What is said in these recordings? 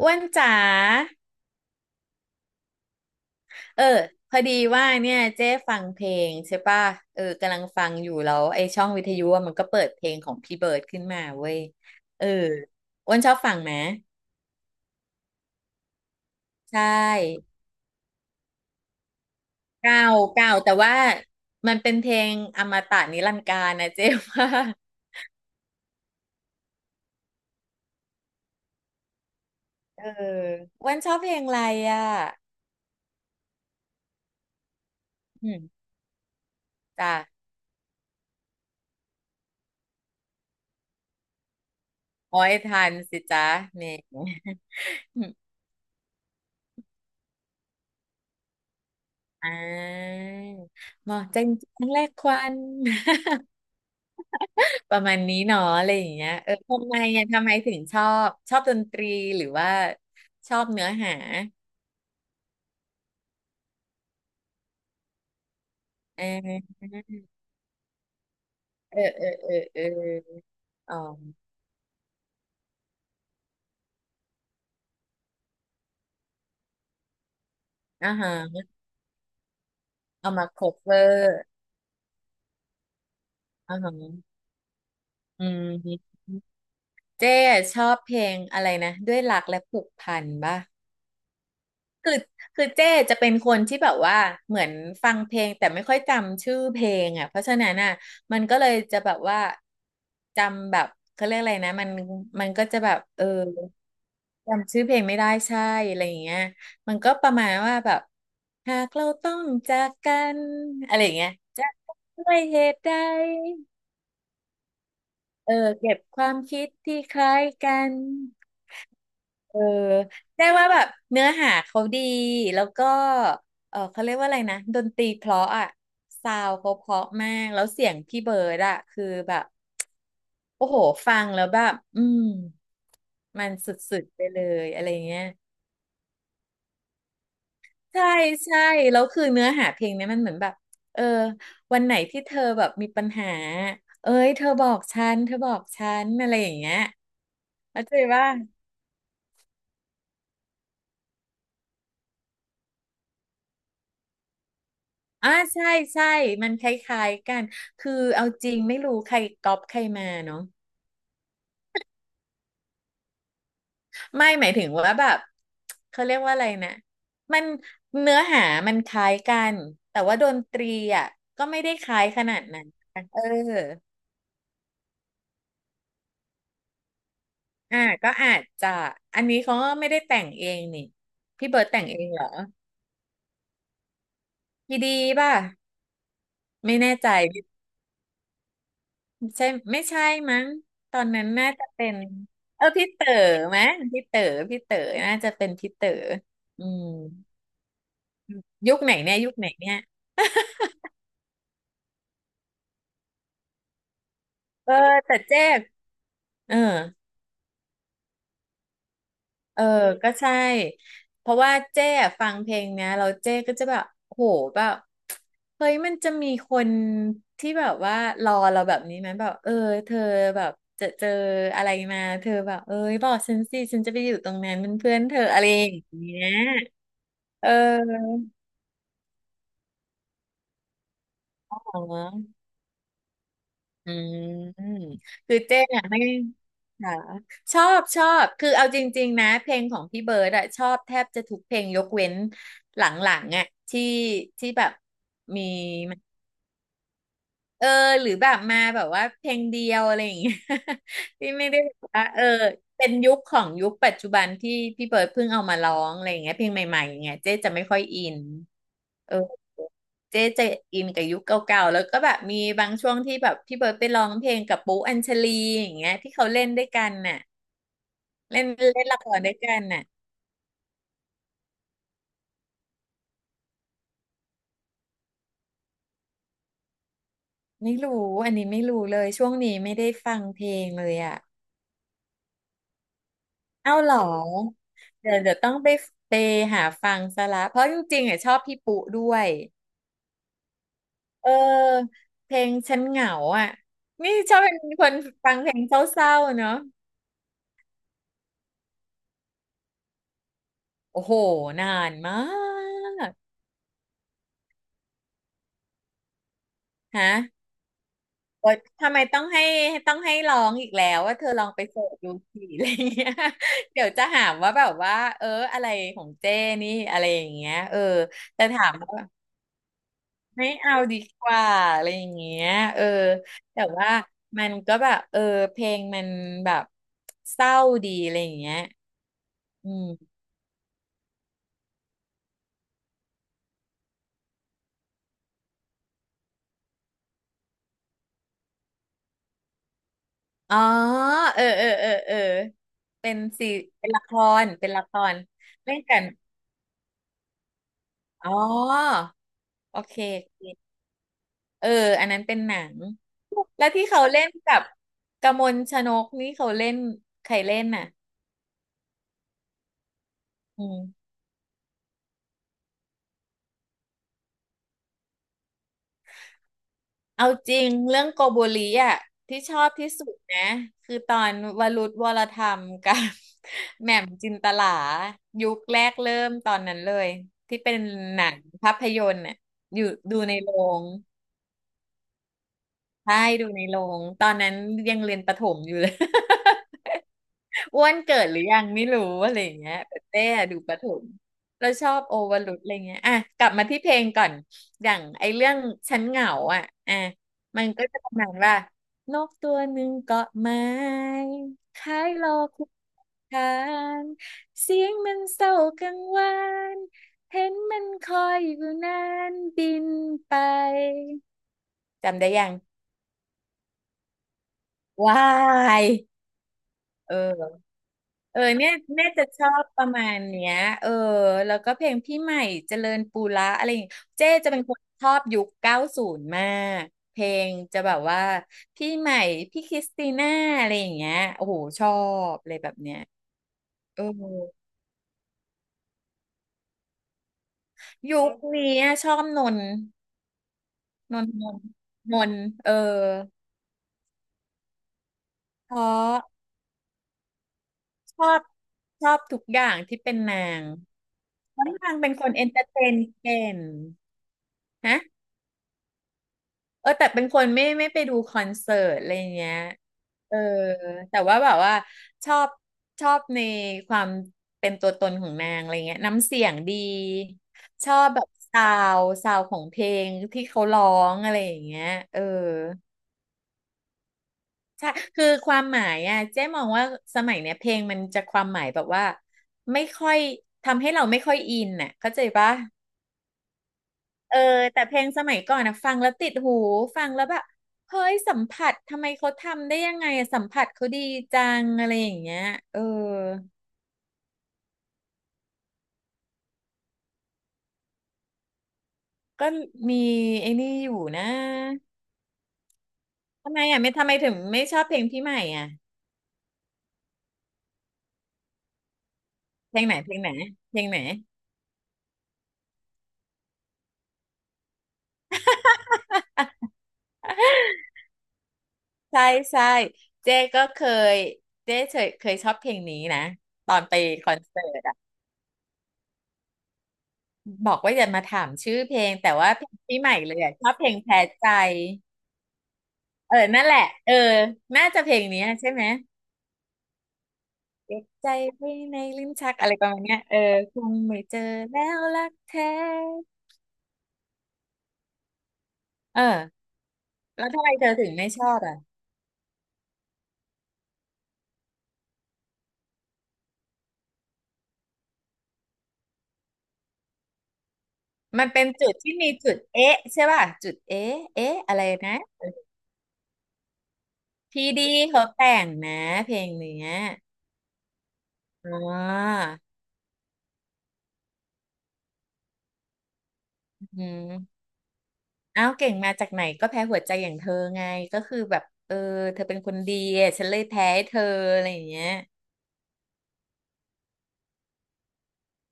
อ้วนจ๋าเออ พอดีว่าเนี่ยเจ๊ฟังเพลงใช่ป่ะเออกำลังฟังอยู่แล้วไอ้ช่องวิทยุอะมันก็เปิดเพลงของพี่เบิร์ดขึ้นมาเว้ยเอออ้วนชอบฟังไหม ใช่เก่าเก่าแต่ว่ามันเป็นเพลงอมตะนิรันดร์กาลนะเจ๊ว่าเอออ้วนชอบเพลงอะไรอ่ะอืมจ้ะโอ้ยทันสิจ๊ะเนี่ย อ่ามอกจังจังแรกควัน ประมาณนี้เนาะอะไรอย่างเงี้ยเออทำไมอ่ะทำไมถึงชอบดนตรีหรือว่าชอบเนื้อหา เออเออเอออ๋ออ่าฮะเอามา cover อ่าฮะอืมเจ๊ชอบเพลงอะไรนะด้วยรักและผูกพันป่ะ คือคือเจ้จะเป็นคนที่แบบว่าเหมือนฟังเพลงแต่ไม่ค่อยจำชื่อเพลงอ่ะเพราะฉะนั้นอ่ะมันก็เลยจะแบบว่าจำแบบเขาเรียกอะไรนะมันก็จะแบบเออจำชื่อเพลงไม่ได้ใช่อะไรอย่างเงี้ยมันก็ประมาณว่าแบบหากเราต้องจากกันอะไรอย่างเงี้ยจะด้วยเหตุใดเออเก็บความคิดที่คล้ายกัน เออได้ว่าแบบเนื้อหาเขาดีแล้วก็เออเขาเรียกว่าอะไรนะดนตรีเพราะอ่ะซาวเขาเพราะมากแล้วเสียงพี่เบิร์ดอ่ะคือแบบโอ้โหฟังแล้วแบบอืมมันสุดๆไปเลยอะไรเงี้ยใช่ใช่แล้วคือเนื้อหาเพลงเนี้ยมันเหมือนแบบเออวันไหนที่เธอแบบมีปัญหาเอ้ยเธอบอกฉันอะไรอย่างเงี้ยเข้าใจว่า อ่าใช่ใช่มันคล้ายๆกันคือเอาจริงไม่รู้ใครก๊อปใครมาเนาะไม่หมายถึงว่าแบบเขาเรียกว่าอะไรนะมันเนื้อหามันคล้ายกันแต่ว่าดนตรีอ่ะก็ไม่ได้คล้ายขนาดนั้นเอออ่าก็อาจจะอันนี้เขาก็ไม่ได้แต่งเองนี่พี่เบิร์ดแต่งเองเหรอพี่ดีป่ะไม่แน่ใจ ใช่ไม่ใช่มั้งตอนนั้นน่าจะเป็นเออพี่เต๋อมั้งพี่เต๋อน่าจะเป็นพี่เต๋ออืมยุคไหนเนี่ยเออแต่เจ๊เออ เออก็ใช่เพราะว่าเจ๊อะฟังเพลงเนี้ยเราเจ๊ก็จะแบบโหแบบเฮ้ยมันจะมีคนที่แบบว่ารอเราแบบนี้ไหมแบบเออเธอแบบจะเจออะไรมาเธอแบบเอ้ยบอกฉันสิฉันจะไปอยู่ตรงนั้นเป็นเพื่อนเธออะไรอย่างเงี้ยเออ อืมคือเจ๊อะไม่ค่ะชอบคือเอาจริงๆนะเพลงของพี่เบิร์ดอะชอบแทบจะทุกเพลงยกเว้นหลังๆอะที่ที่แบบมี เออหรือแบบมาแบบว่าเพลงเดียวอะไรอย่างเงี้ย ที่ไม่ได้แบบว่าเออเป็นยุคของยุคปัจจุบันที่พี่เบิร์ดเพิ่งเอามาร้องอะไรอย่างเงี้ยเพลงใหม่ๆอย่างเงี้ยเจ๊จะไม่ค่อยอินเออเจ๊จะอินกับยุคเก่าๆแล้วก็แบบมีบางช่วงที่แบบพี่เบิร์ดไปร้องเพลงกับปุ๊อัญชลีอย่างเงี้ยที่เขาเล่นด้วยกันน่ะเล่นเล่นละครด้วยกันน่ะไม่รู้อันนี้ไม่รู้เลยช่วงนี้ไม่ได้ฟังเพลงเลยอ่ะ เอาเหรอเดี๋ยวต้องไปหาฟังซะละเพราะจริงๆอ่ะชอบพี่ปุ๊ด้วยเออเพลงฉันเหงาอ่ะนี่ชอบเป็นคนฟังเพลงเศร้าๆเนาะโอ้โหนานมากฮะโอ๊ยทำไมต้องให้ร้องอีกแล้วว่าเธอลองไปเสิร์ชดูสิอะไรเงี้ย เดี๋ยวจะหาว่าแบบว่าเอออะไรของเจ้นี่อะไรอย่างเงี้ยเออแต่ถาม ไม่เอาดีกว่าอะไรอย่างเงี้ยเออแต่ว่ามันก็แบบเออเพลงมันแบบเศร้าดีอะไรอย่างเงี้ยอืมอ๋อเออเป็นสีเป็นละคเป็นละครเล่นกันอ๋อโอเคโอเคเอออันนั้นเป็นหนังแล้วที่เขาเล่นกับกมลชนกนี่เขาเล่นใครเล่นน่ะอืม เอาจริงเรื่องโกโบริอ่ะที่ชอบที่สุดนะคือตอนวรุธวรธรรมกับ แหม่มจินตลายุคแรกเริ่มตอนนั้นเลยที่เป็นหนังภาพยนตร์น่ะอยู่ดูในโรงใช่ดูในโรงตอนนั้นยังเรียนประถมอยู่เลย อ้วนเกิดหรือยังไม่รู้อะไรอย่างเงี้ยแต่เต้อะดูประถมแล้วชอบโอวรุตอะไรเงี้ยอ่ะกลับมาที่เพลงก่อนอย่างไอ้เรื่องฉันเหงาอ่ะอ่ะมันก็จะประมาณว่านกตัวหนึ่งเกาะไม้คล้ายโลคุทานเสียงมันเศร้ากังวานเห็นมันคอยอยู่นานบินไปจำได้ยังว้าย เออเออเนี่ยเนี่ยจะชอบประมาณเนี้ยเออแล้วก็เพลงพี่ใหม่เจริญปุระอะไรอย่างเงี้ยเจ๊จะเป็นคนชอบยุคเก้าศูนย์มากเพลงจะแบบว่าพี่ใหม่พี่คริสติน่าอะไรอย่างเงี้ยโอ้โหชอบเลยแบบเนี้ยเออยุคนี้อะชอบนนท์นนท์นนท์นนท์เออเพราะชอบชอบทุกอย่างที่เป็นนางเพราะนางเป็นคนเอนเตอร์เทนเก่งฮะ เออแต่เป็นคนไม่ไปดูคอนเสิร์ตอะไรเงี้ยเออแต่ว่าแบบว่าชอบชอบในความเป็นตัวตนของนางอะไรเงี้ยน้ำเสียงดีชอบแบบซาวซาวของเพลงที่เขาร้องอะไรอย่างเงี้ยเออใช่คือความหมายอ่ะเจ๊มองว่าสมัยเนี้ยเพลงมันจะความหมายแบบว่าไม่ค่อยทำให้เราไม่ค่อยอินน่ะเข้าใจปะ เออแต่เพลงสมัยก่อนนะฟังแล้วติดหูฟังแล้วแบบเฮ้ยสัมผัสทำไมเขาทำได้ยังไงอะสัมผัสเขาดีจังอะไรอย่างเงี้ยเออก็มีไอ้นี่อยู่นะทำไมถึงไม่ชอบเพลงพี่ใหม่อ่ะเพลงไหนเพลงไหนเพลงไหนใช่ใช่เจ๊ก็เคยเจ๊เคยชอบเพลงนี้นะตอนไปคอนเสิร์ตอ่ะบอกว่าอย่ามาถามชื่อเพลงแต่ว่าเพลงพี่ใหม่เลยอ่ะชอบเพลงแพ้ใจ เออนั่นแหละเออน่าจะเพลงเนี้ยใช่ไหมเก็บใจไว้ในลิ้นชักอะไรประมาณเนี้ยเออคงไม่เจอแล้วรักแท้เออแล้วทำไมเธอถึงไม่ชอบอ่ะมันเป็นจุดที่มีจุดเอ๊ะใช่ป่ะจุดเอ๊ะเอ๊ะอะไรนะพีดีเขาแต่งนะเพลงเนี้ยอ๋ออืมเอ้าเก่งมาจากไหนก็แพ้หัวใจอย่างเธอไงก็คือแบบเออเธอเป็นคนดีอะฉันเลยแพ้ให้เธออะไรอย่างเงี้ย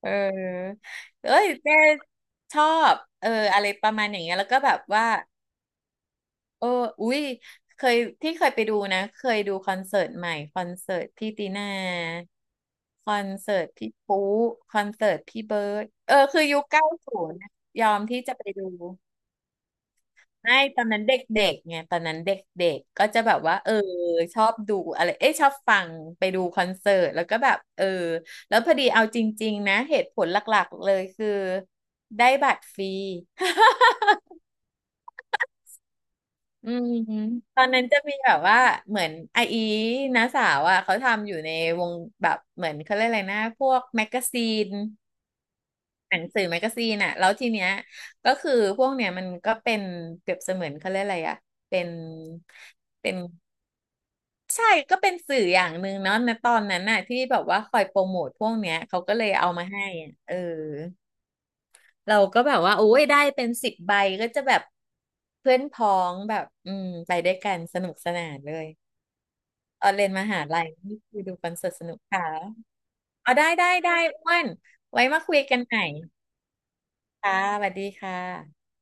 เออเอ้ยเจ๊ชอบเอออะไรประมาณอย่างเงี้ยแล้วก็แบบว่าเอออุ้ยเคยที่เคยไปดูนะ เคยดูคอนเสิร์ตใหม่คอนเสิร์ตพี่ตีน่าคอนเสิร์ตพี่ปุ๊คอนเสิร์ตพี่เบิร์ดเออคือยุคเก้าศูนย์ยอมที่จะไปดู ไม่ตอนนั้นเด็กๆไงตอนนั้นเด็กๆก็จะแบบว่าเออชอบดูอะไรเอ้ชอบฟังไปดูคอนเสิร์ตแล้วก็แบบเออแล้วพอดีเอาจริงๆนะเหตุผลหลักๆเลยคือได้บัตรฟรี อืมตอนนั้นจะมีแบบว่าเหมือนไออีน้าสาวอ่ะเขาทำอยู่ในวงแบบเหมือนเขาเรียกอะไรนะพวกแมกกาซีนหนังสือแมกกาซีนอ่ะแล้วทีเนี้ยก็คือพวกเนี้ยมันก็เป็นเปรียบเสมือนเขาเรียกอะไรอ่ะเป็นเป็น ใช่ก็เป็นสื่ออย่างหนึ่งเนาะในตอนนั้นน่ะที่แบบว่าคอยโปรโมทพวกเนี้ยเขาก็เลยเอามาให้อะเออเราก็แบบว่าโอ้ยได้เป็นสิบใบก็จะแบบเพื่อนพ้องแบบอืมไปด้วยกันสนุกสนานเลยออนเรียนมหาลัยนี่คือดูคอนเสิร์ตสนุกค่ะเอาได้ได้ได้อ้วนไว้มาคุยกันใหม่ค่ะสวัสดีค่ะ